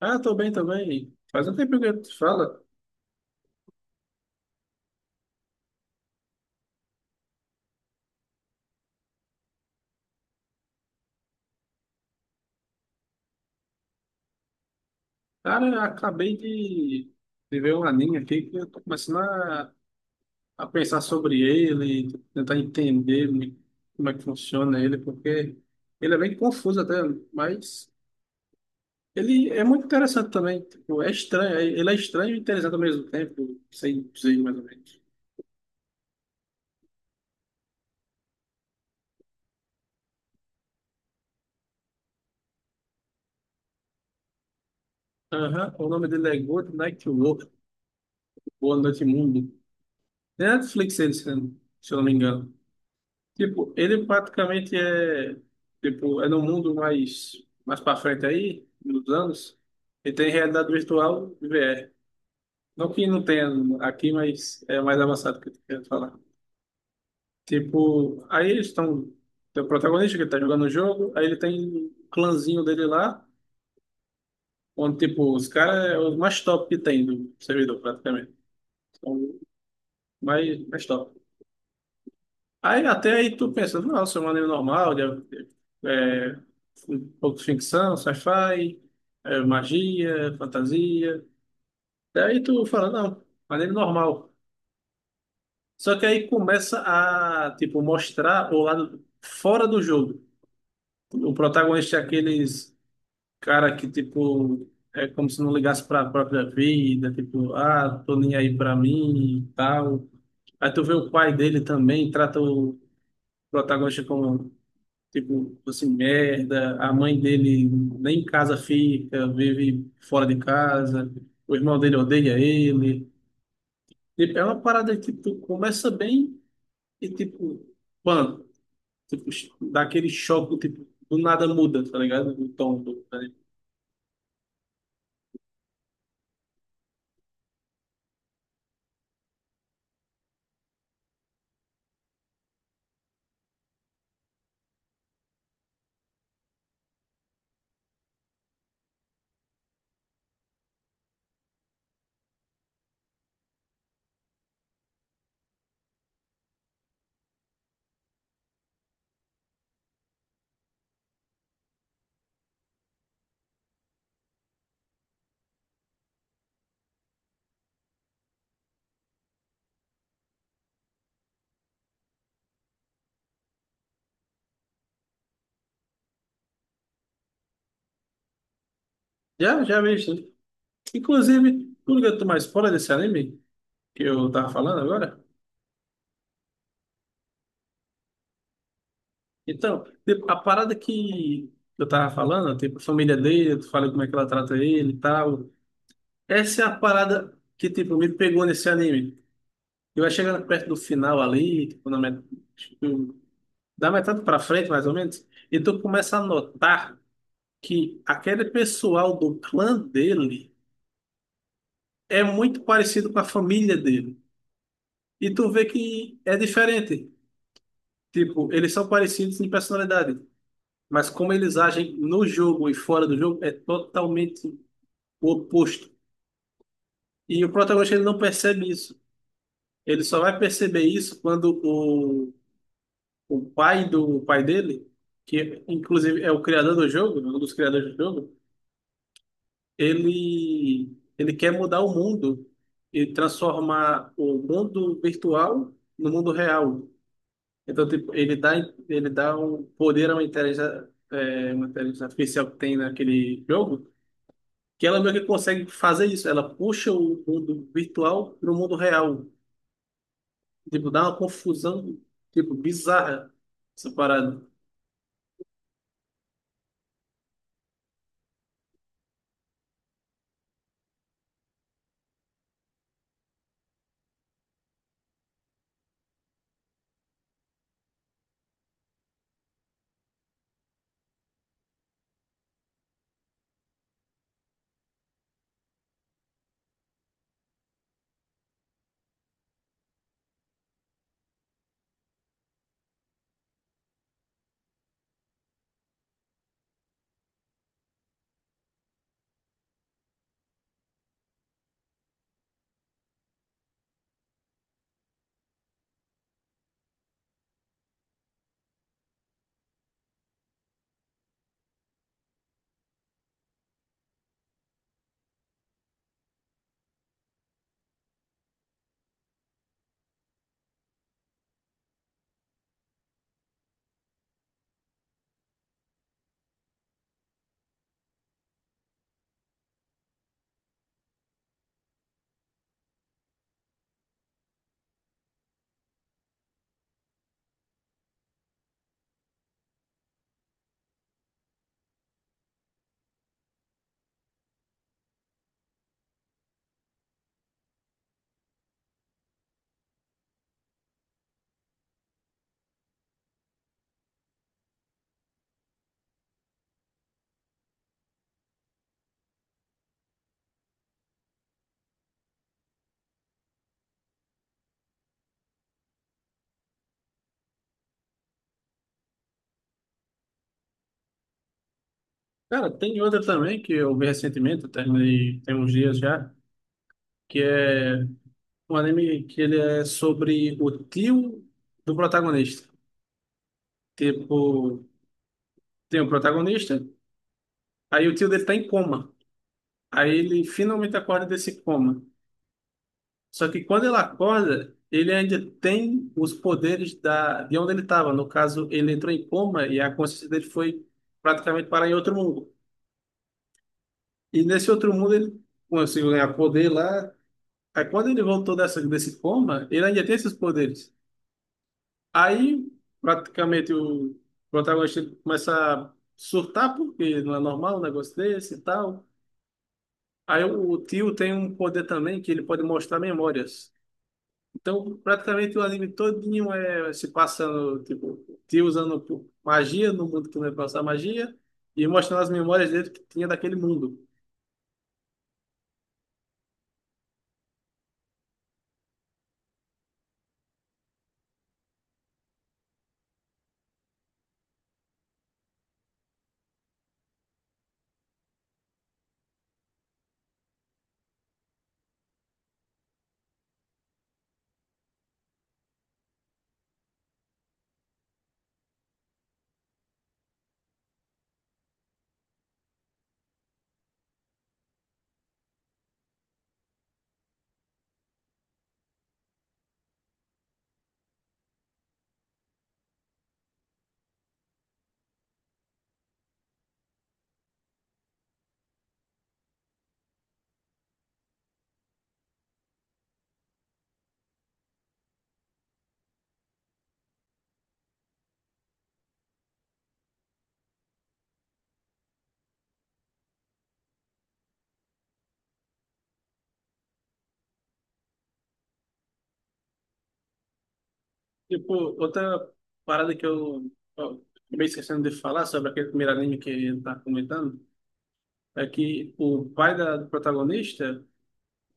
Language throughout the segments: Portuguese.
Ah, tô bem também. Faz um tempo que eu te falo. Cara, eu acabei de ver um anime aqui que eu tô começando a pensar sobre ele, tentar entender como é que funciona ele, porque ele é bem confuso até, mas ele é muito interessante também. Tipo, é estranho, ele é estranho e interessante ao mesmo tempo, sem dizer mais ou menos. Aham, o nome dele é Good Night World, Boa Noite Mundo. É Netflix ele, se eu não me engano. Tipo, ele praticamente tipo, é no mundo mais, mais para frente aí, nos anos, e tem realidade virtual e VR. Não que não tenha aqui, mas é mais avançado que eu quero falar. Tipo, aí eles estão, tem o protagonista que tá jogando o jogo, aí ele tem um clãzinho dele lá, onde, tipo, os caras é os mais top que tem do servidor, praticamente. São os mais, mais top. Aí até aí tu pensa, nossa, é um anime normal, é, um pouco de ficção, sci-fi, é, magia, fantasia. Daí tu fala, não, anime normal. Só que aí começa a, tipo, mostrar o lado fora do jogo. O protagonista é aqueles cara que, tipo, é como se não ligasse para a própria vida, tipo, ah, tô nem aí para mim e tal. Aí tu vê o pai dele também, trata o protagonista como. Tipo, assim, merda, a mãe dele nem em casa fica, vive fora de casa, o irmão dele odeia ele. Tipo, é uma parada que tu começa bem e, tipo, mano, tipo, dá aquele choque, tipo, do nada muda, tá ligado? O tom do anime. Já, já vi isso. Inclusive, tu liga tu mais fora desse anime que eu tava falando agora? Então, tipo, a parada que eu tava falando, tipo, a família dele, tu fala como é que ela trata ele e tal. Essa é a parada que, tipo, me pegou nesse anime. Eu ia chegando perto do final ali, tipo, na met... tipo, da metade pra frente, mais ou menos, e tu começa a notar que aquele pessoal do clã dele é muito parecido com a família dele. E tu vê que é diferente. Tipo, eles são parecidos em personalidade, mas como eles agem no jogo e fora do jogo é totalmente o oposto. E o protagonista ele não percebe isso. Ele só vai perceber isso quando o pai do o pai dele, que inclusive é o criador do jogo, um dos criadores do jogo, ele ele quer mudar o mundo e transformar o mundo virtual no mundo real. Então, tipo, ele dá um poder a uma inteligência, é, uma inteligência artificial que tem naquele jogo, que ela meio que consegue fazer isso. Ela puxa o mundo virtual para o mundo real. Tipo, dá uma confusão, tipo, bizarra essa parada. Cara, tem outra também que eu vi recentemente, eu terminei tem uns dias já, que é um anime que ele é sobre o tio do protagonista. Tipo, tem um protagonista, aí o tio dele tá em coma. Aí ele finalmente acorda desse coma. Só que quando ele acorda, ele ainda tem os poderes da, de onde ele estava. No caso, ele entrou em coma e a consciência dele foi praticamente parar em outro mundo. E nesse outro mundo ele conseguiu ganhar poder lá. Aí quando ele voltou desse coma, ele ainda tem esses poderes. Aí, praticamente, o protagonista começa a surtar, porque não é normal um negócio desse e tal. Aí o tio tem um poder também, que ele pode mostrar memórias. Então, praticamente, o anime todinho é se passando, tipo, o tio usando magia no mundo que não é passar magia, e mostrando as memórias dele que tinha daquele mundo. Tipo, outra parada que eu acabei esquecendo de falar sobre aquele primeiro anime que ele tá comentando é que o pai da, do protagonista,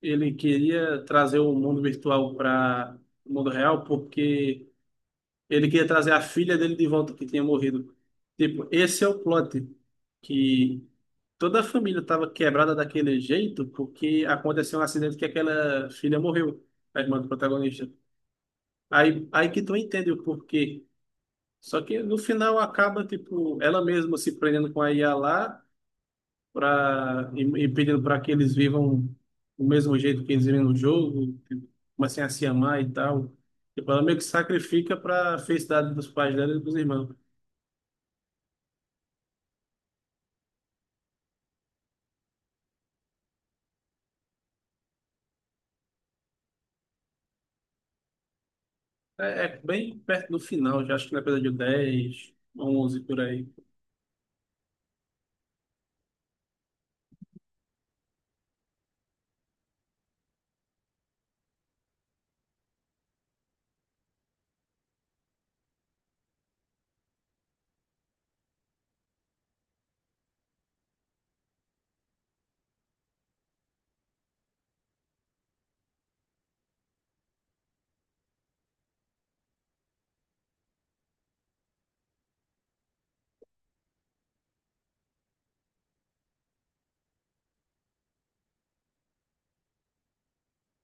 ele queria trazer o mundo virtual para o mundo real porque ele queria trazer a filha dele de volta que tinha morrido. Tipo, esse é o plot que toda a família estava quebrada daquele jeito porque aconteceu um acidente que aquela filha morreu, a irmã do protagonista. Aí que tu entende o porquê. Só que no final acaba, tipo, ela mesma se prendendo com a IA lá e pedindo para que eles vivam o mesmo jeito que eles vivem no jogo, tipo, comecem a se amar e tal. Tipo, ela meio que sacrifica para felicidade dos pais dela e dos irmãos. É, é bem perto do final, já acho que na coisa 10 11 por aí.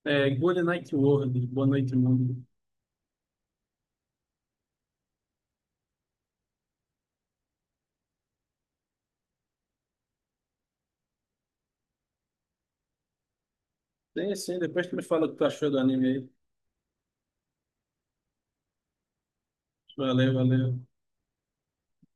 É, Good Night World, Boa Noite Mundo. Tem sim, depois tu me fala o que tu achou do anime aí. Valeu, valeu.